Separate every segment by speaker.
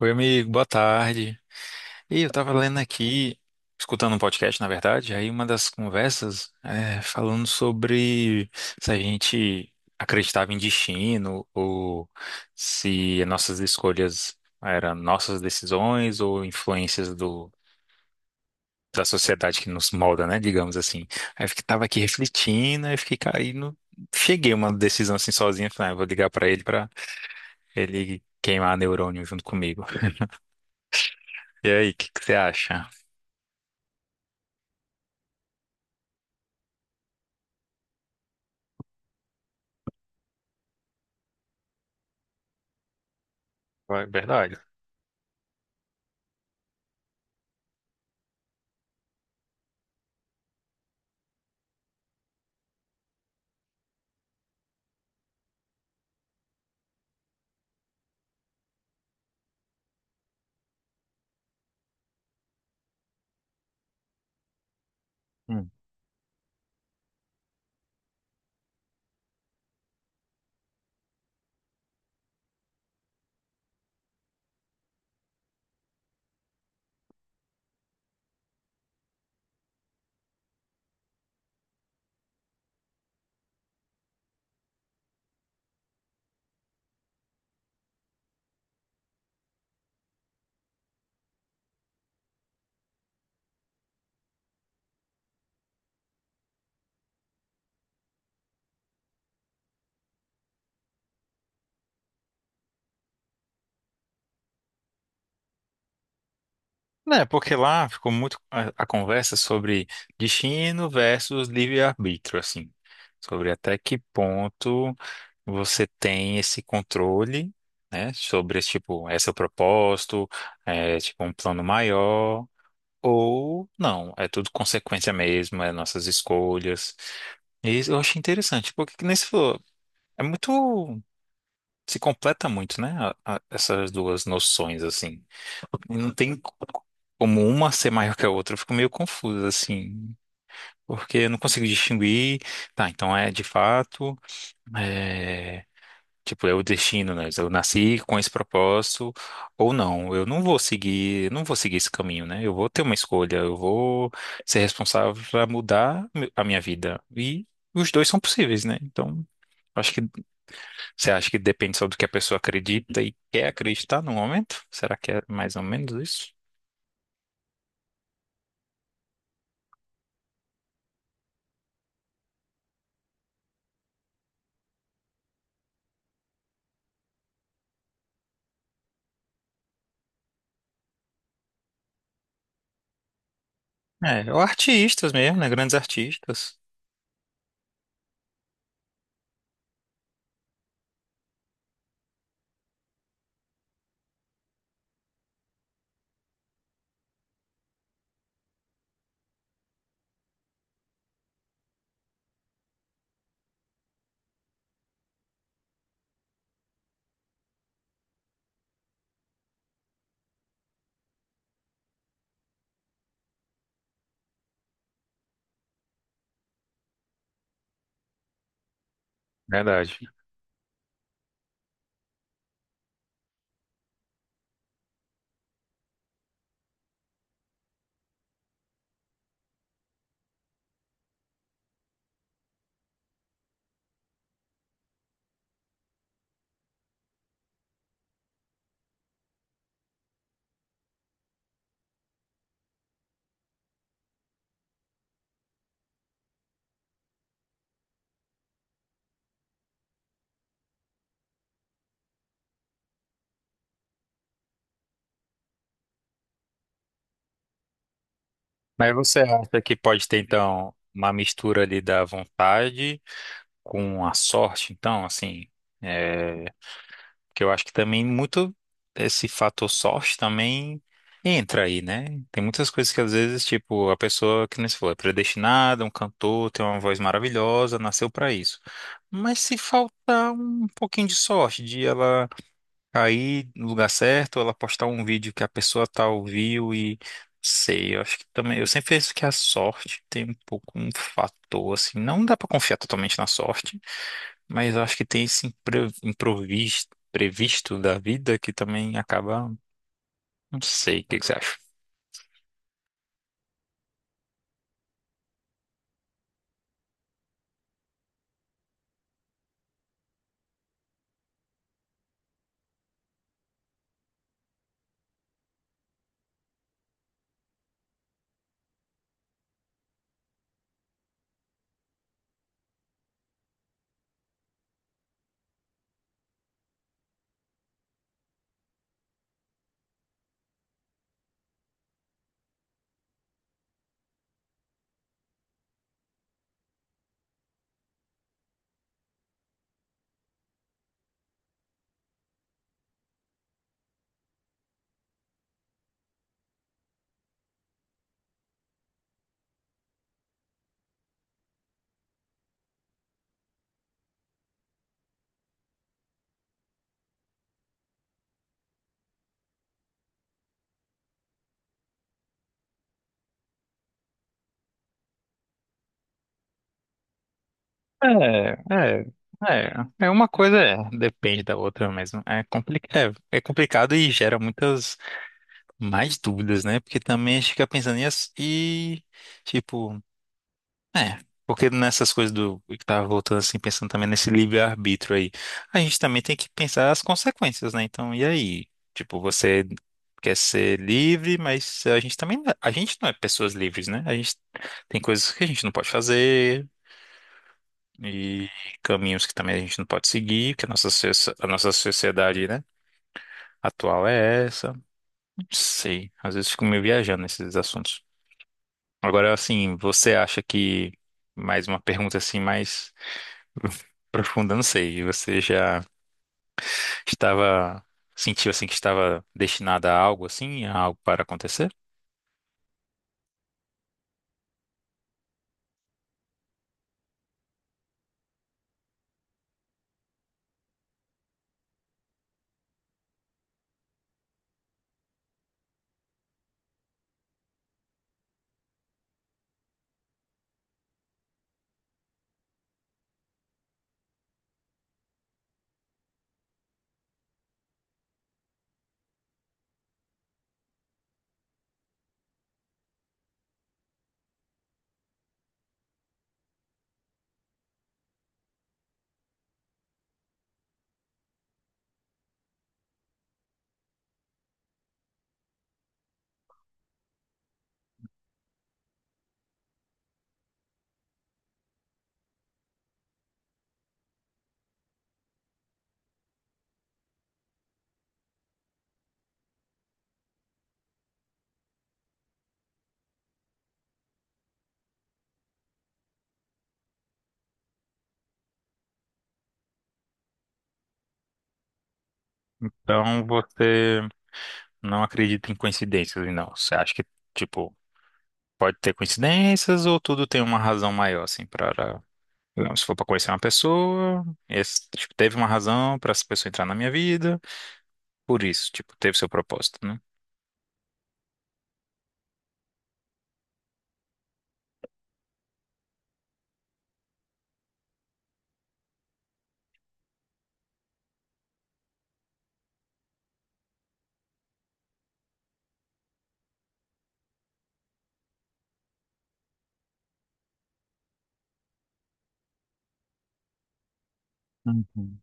Speaker 1: Oi, amigo, boa tarde. E eu tava lendo aqui, escutando um podcast, na verdade, aí uma das conversas falando sobre se a gente acreditava em destino ou se nossas escolhas eram nossas decisões ou influências da sociedade que nos molda, né, digamos assim. Aí eu tava aqui refletindo, aí fiquei caindo, cheguei a uma decisão assim sozinha, falei, ah, eu vou ligar pra ele queimar neurônio junto comigo. E aí, o que que você acha? Verdade. Hum. Né, porque lá ficou muito a conversa sobre destino versus livre-arbítrio, assim. Sobre até que ponto você tem esse controle, né? Sobre, tipo, é seu propósito, é, tipo, um plano maior, ou não. É tudo consequência mesmo, é nossas escolhas. E isso eu achei interessante, porque, que nem você falou, é muito. Se completa muito, né? Essas duas noções, assim. E não tem como uma ser maior que a outra. Eu fico meio confuso, assim, porque eu não consigo distinguir. Tá, então é de fato, é, tipo, é o destino, né? Eu nasci com esse propósito ou não. Eu não vou seguir esse caminho, né? Eu vou ter uma escolha, eu vou ser responsável para mudar a minha vida. E os dois são possíveis, né? Então, acho que você acha que depende só do que a pessoa acredita e quer acreditar no momento? Será que é mais ou menos isso? É, ou artistas mesmo, né? Grandes artistas. Verdade. Mas você acha que pode ter, então, uma mistura ali da vontade com a sorte, então, assim, é, que eu acho que também muito esse fator sorte também entra aí, né? Tem muitas coisas que às vezes, tipo, a pessoa que nem se falou, é predestinada, um cantor, tem uma voz maravilhosa, nasceu pra isso. Mas se faltar um pouquinho de sorte, de ela cair no lugar certo, ela postar um vídeo que a pessoa tal viu e sei, eu acho que também, eu sempre penso que a sorte tem um pouco um fator assim, não dá pra confiar totalmente na sorte, mas eu acho que tem esse improviso previsto da vida que também acaba, não sei, o que que você acha? É, é, é, é uma coisa, é, depende da outra mesmo. É, compli é, é complicado e gera muitas mais dúvidas, né? Porque também a gente fica pensando nisso e, tipo, é, porque nessas coisas do que tava voltando assim, pensando também nesse livre-arbítrio aí, a gente também tem que pensar as consequências, né? Então, e aí? Tipo, você quer ser livre, mas a gente também, a gente não é pessoas livres, né? A gente tem coisas que a gente não pode fazer e caminhos que também a gente não pode seguir, que a nossa, a nossa sociedade, né, atual é essa. Não sei, às vezes fico meio viajando nesses assuntos. Agora, assim, mais uma pergunta assim, mais profunda, não sei. E você estava, sentiu assim que estava destinada a algo assim, a algo para acontecer? Então você não acredita em coincidências, não. Você acha que, tipo, pode ter coincidências ou tudo tem uma razão maior, assim, para. Não, se for para conhecer uma pessoa, tipo, teve uma razão para essa pessoa entrar na minha vida. Por isso, tipo, teve seu propósito, né? Uhum.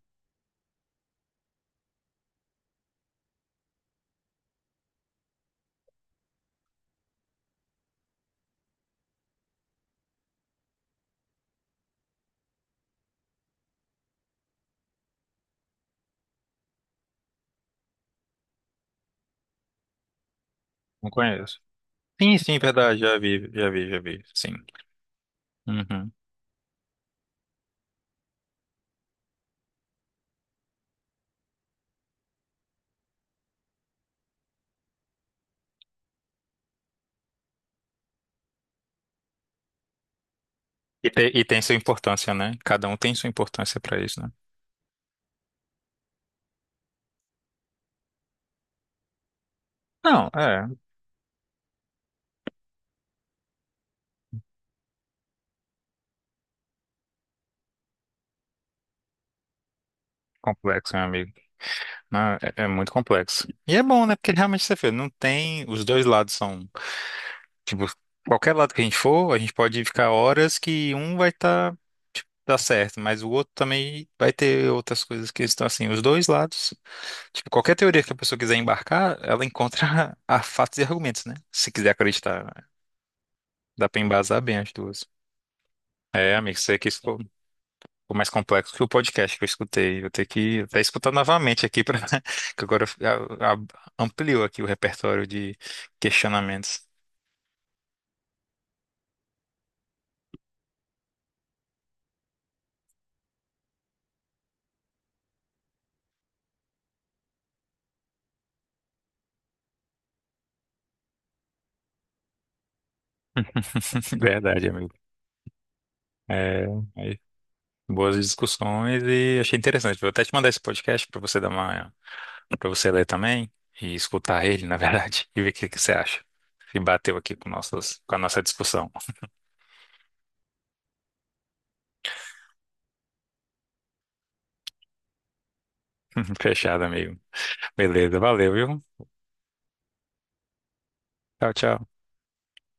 Speaker 1: Não conheço. Sim, sim, verdade, já vi, sim. Uhum. E, e tem sua importância, né? Cada um tem sua importância pra isso, né? Não, é complexo, meu amigo. Não, é, é muito complexo. E é bom, né? Porque realmente você vê, não tem. Os dois lados são. Tipo, qualquer lado que a gente for, a gente pode ficar horas que um vai estar, tipo, dar certo, mas o outro também vai ter outras coisas que estão assim. Os dois lados, tipo, qualquer teoria que a pessoa quiser embarcar, ela encontra a fatos e argumentos, né? Se quiser acreditar, dá pra embasar bem as duas. É, amigo, isso aqui ficou mais complexo que o podcast que eu escutei. Vou ter que até escutar novamente aqui, pra... que agora ampliou aqui o repertório de questionamentos. Verdade, amigo. É, aí, boas discussões e achei interessante. Vou até te mandar esse podcast para para você ler também e escutar ele, na verdade, e ver o que que você acha. Se bateu aqui com com a nossa discussão. Fechado, amigo. Beleza, valeu, viu? Tchau, tchau.